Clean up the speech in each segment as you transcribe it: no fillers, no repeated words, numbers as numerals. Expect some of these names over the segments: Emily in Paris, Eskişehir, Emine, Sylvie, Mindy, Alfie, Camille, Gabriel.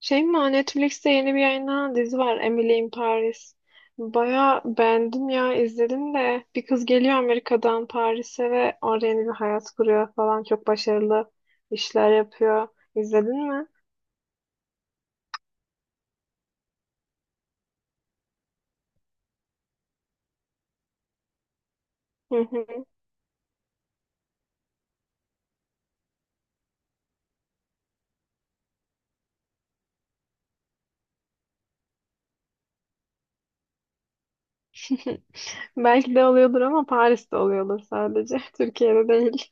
Şey mi Netflix'te yeni bir yayınlanan dizi var, Emily in Paris. Baya beğendim ya, izledim de. Bir kız geliyor Amerika'dan Paris'e ve orada yeni bir hayat kuruyor falan, çok başarılı işler yapıyor. İzledin mi? Hı hı. Belki de oluyordur ama Paris'te oluyordur sadece. Türkiye'de değil.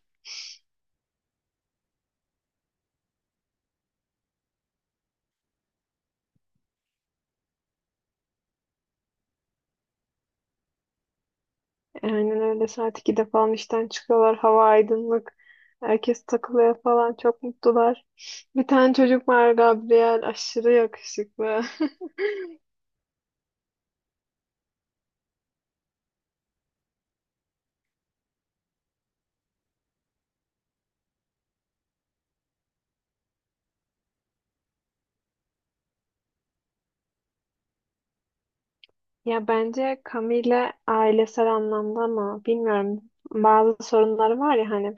Aynen öyle, saat 2'de falan işten çıkıyorlar. Hava aydınlık. Herkes takılıyor falan. Çok mutlular. Bir tane çocuk var, Gabriel. Aşırı yakışıklı. Ya bence Camille ailesel anlamda, ama bilmiyorum, bazı sorunları var ya hani,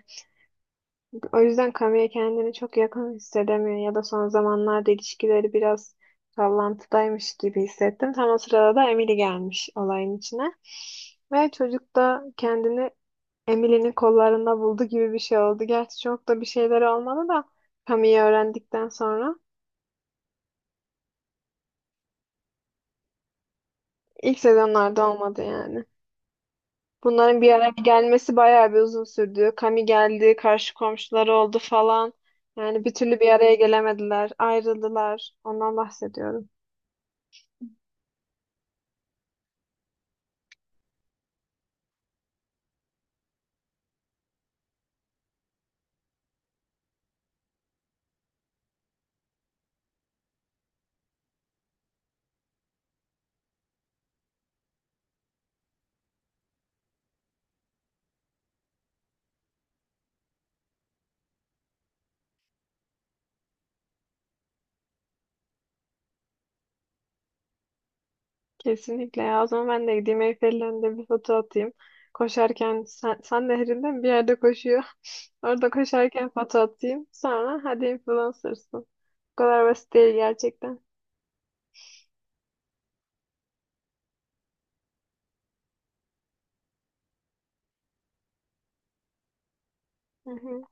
o yüzden Camille kendini çok yakın hissedemiyor ya da son zamanlarda ilişkileri biraz sallantıdaymış gibi hissettim. Tam o sırada da Emily gelmiş olayın içine ve çocuk da kendini Emily'nin kollarında buldu gibi bir şey oldu. Gerçi çok da bir şeyler olmadı da, Camille'i öğrendikten sonra ilk sezonlarda olmadı yani. Bunların bir araya gelmesi bayağı bir uzun sürdü. Kami geldi, karşı komşuları oldu falan. Yani bir türlü bir araya gelemediler, ayrıldılar. Ondan bahsediyorum. Kesinlikle ya. O zaman ben de gideyim Eyfel'in önünde bir foto atayım. Koşarken, sen, sen nehrinden bir yerde koşuyor. Orada koşarken foto atayım. Sonra hadi influencersın. Bu kadar basit değil gerçekten. Hı hı.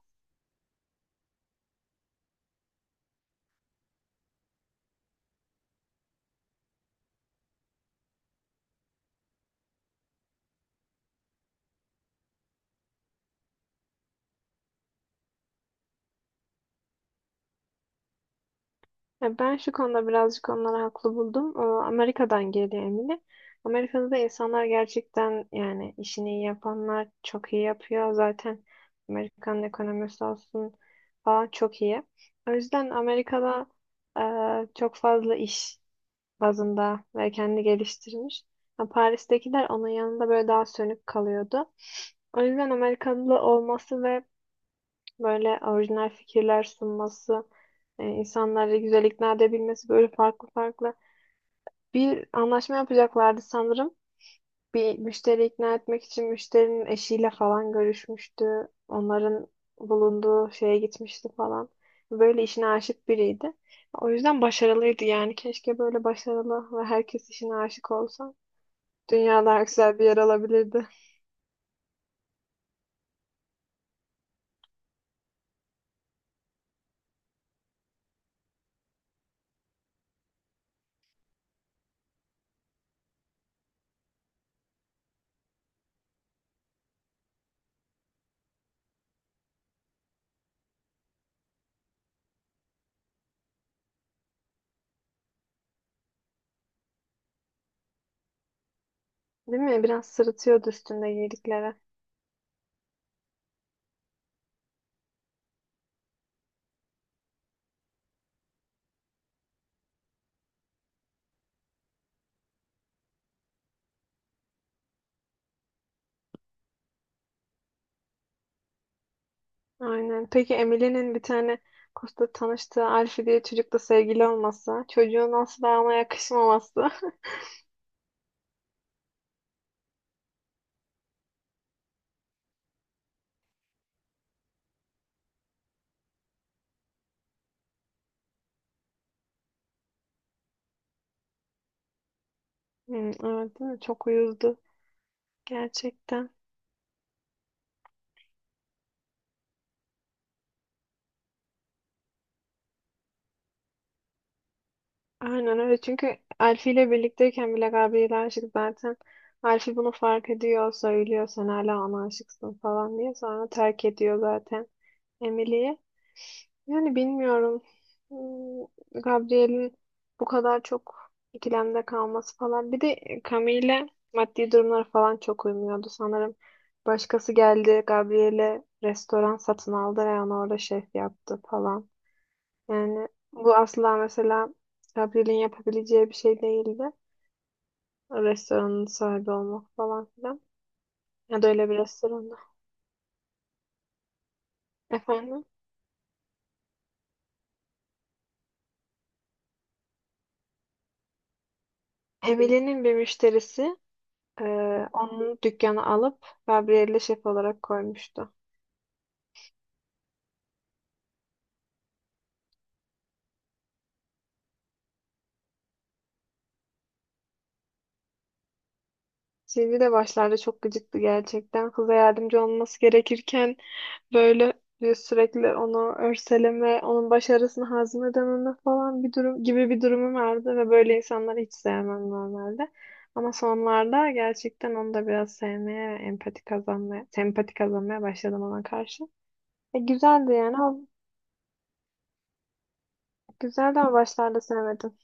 Ya ben şu konuda birazcık onları haklı buldum. Amerika'dan geliyor Emine. Amerika'da da insanlar gerçekten, yani işini iyi yapanlar çok iyi yapıyor. Zaten Amerikan ekonomisi olsun falan çok iyi. O yüzden Amerika'da, çok fazla iş bazında ve kendi geliştirmiş. Ha, Paris'tekiler onun yanında böyle daha sönük kalıyordu. O yüzden Amerikalı olması ve böyle orijinal fikirler sunması, insanları güzel ikna edebilmesi, böyle farklı farklı. Bir anlaşma yapacaklardı sanırım. Bir müşteri ikna etmek için müşterinin eşiyle falan görüşmüştü. Onların bulunduğu şeye gitmişti falan. Böyle işine aşık biriydi. O yüzden başarılıydı yani. Keşke böyle başarılı ve herkes işine aşık olsa. Dünya daha güzel bir yer alabilirdi. Değil mi? Biraz sırıtıyordu üstünde giydikleri. Aynen. Peki Emily'nin bir tane kursta tanıştığı Alfie diye çocukla sevgili olması, çocuğun asla ona yakışmaması. Hmm, evet, değil mi? Çok uyuzdu. Gerçekten. Aynen öyle. Çünkü Alfie ile birlikteyken bile Gabriel'e aşık zaten. Alfie bunu fark ediyor, söylüyor sen hala ona aşıksın falan diye. Sonra terk ediyor zaten Emily. Yani bilmiyorum. Hmm, Gabriel'in bu kadar çok ikilemde kalması falan. Bir de Camille, maddi durumları falan çok uymuyordu sanırım. Başkası geldi, Gabriel'e restoran satın aldı ve ona orada şef yaptı falan. Yani bu asla mesela Gabriel'in yapabileceği bir şey değildi. Restoranın sahibi olmak falan filan. Ya da öyle bir restoranda. Efendim? Emily'nin bir müşterisi, onun dükkanı alıp Gabriel'e şef olarak koymuştu. Sylvie de başlarda çok gıcıktı gerçekten. Kıza yardımcı olması gerekirken böyle bir sürekli onu örseleme, onun başarısını hazmedememe falan, bir durum gibi bir durumu vardı ve böyle insanları hiç sevmem normalde. Ama sonlarda gerçekten onu da biraz sevmeye ve empati kazanmaya, sempati kazanmaya başladım ona karşı. Güzeldi yani, ama- güzeldi ama başlarda sevmedim.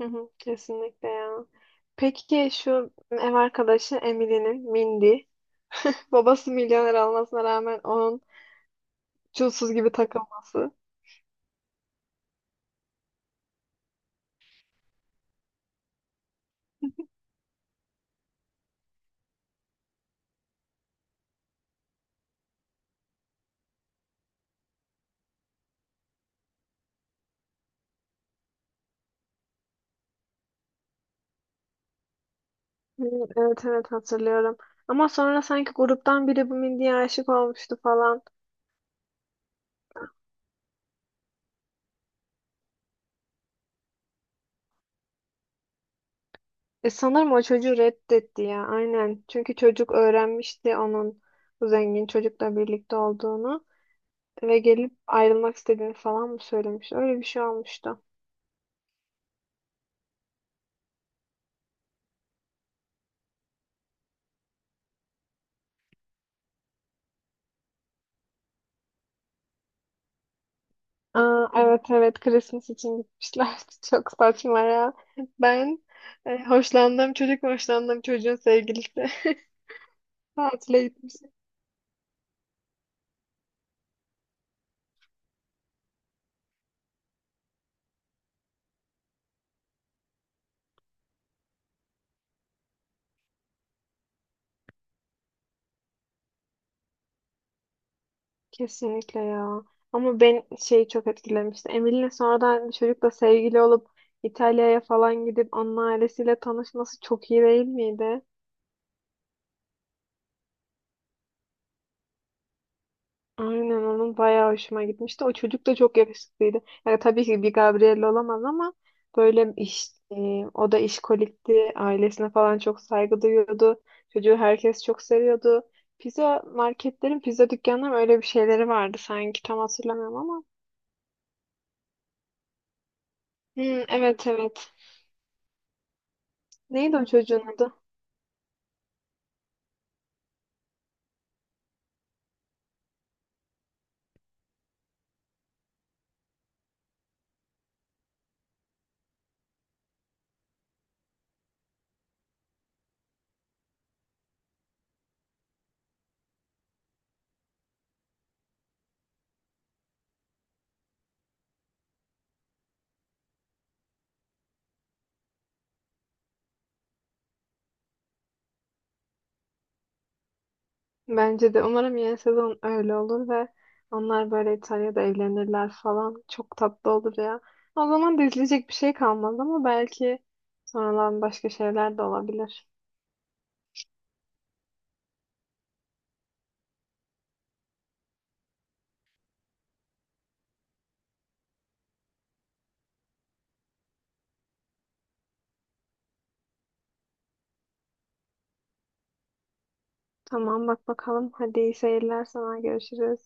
Hı hı, kesinlikle ya. Peki şu ev arkadaşı Emily'nin, Mindy. Babası milyoner olmasına rağmen onun çulsuz gibi takılması. Hı, evet evet, hatırlıyorum. Ama sonra sanki gruptan biri bu Mindy'ye aşık olmuştu falan. Sanırım o çocuğu reddetti ya, aynen. Çünkü çocuk öğrenmişti onun bu zengin çocukla birlikte olduğunu. Ve gelip ayrılmak istediğini falan mı söylemiş? Öyle bir şey olmuştu. Aa, evet evet, Christmas için gitmişler. Çok saçma ya. Ben, hoşlandığım çocuk ve hoşlandığım çocuğun sevgilisi tatile gitmiş. Kesinlikle ya. Ama ben, şeyi çok etkilemişti. Emine'nin sonradan bir çocukla sevgili olup İtalya'ya falan gidip onun ailesiyle tanışması çok iyi değil miydi? Aynen, onun bayağı hoşuma gitmişti. O çocuk da çok yakışıklıydı. Yani tabii ki bir Gabriel olamaz ama böyle iş, o da işkolikti. Ailesine falan çok saygı duyuyordu. Çocuğu herkes çok seviyordu. Pizza marketlerin, pizza dükkanların öyle bir şeyleri vardı sanki. Tam hatırlamıyorum ama. Hmm, evet evet. Neydi o çocuğun adı? Bence de umarım yeni sezon öyle olur ve onlar böyle İtalya'da evlenirler falan. Çok tatlı olur ya. O zaman da izleyecek bir şey kalmaz ama belki sonradan başka şeyler de olabilir. Tamam, bak bakalım. Hadi iyi seyirler sana, görüşürüz.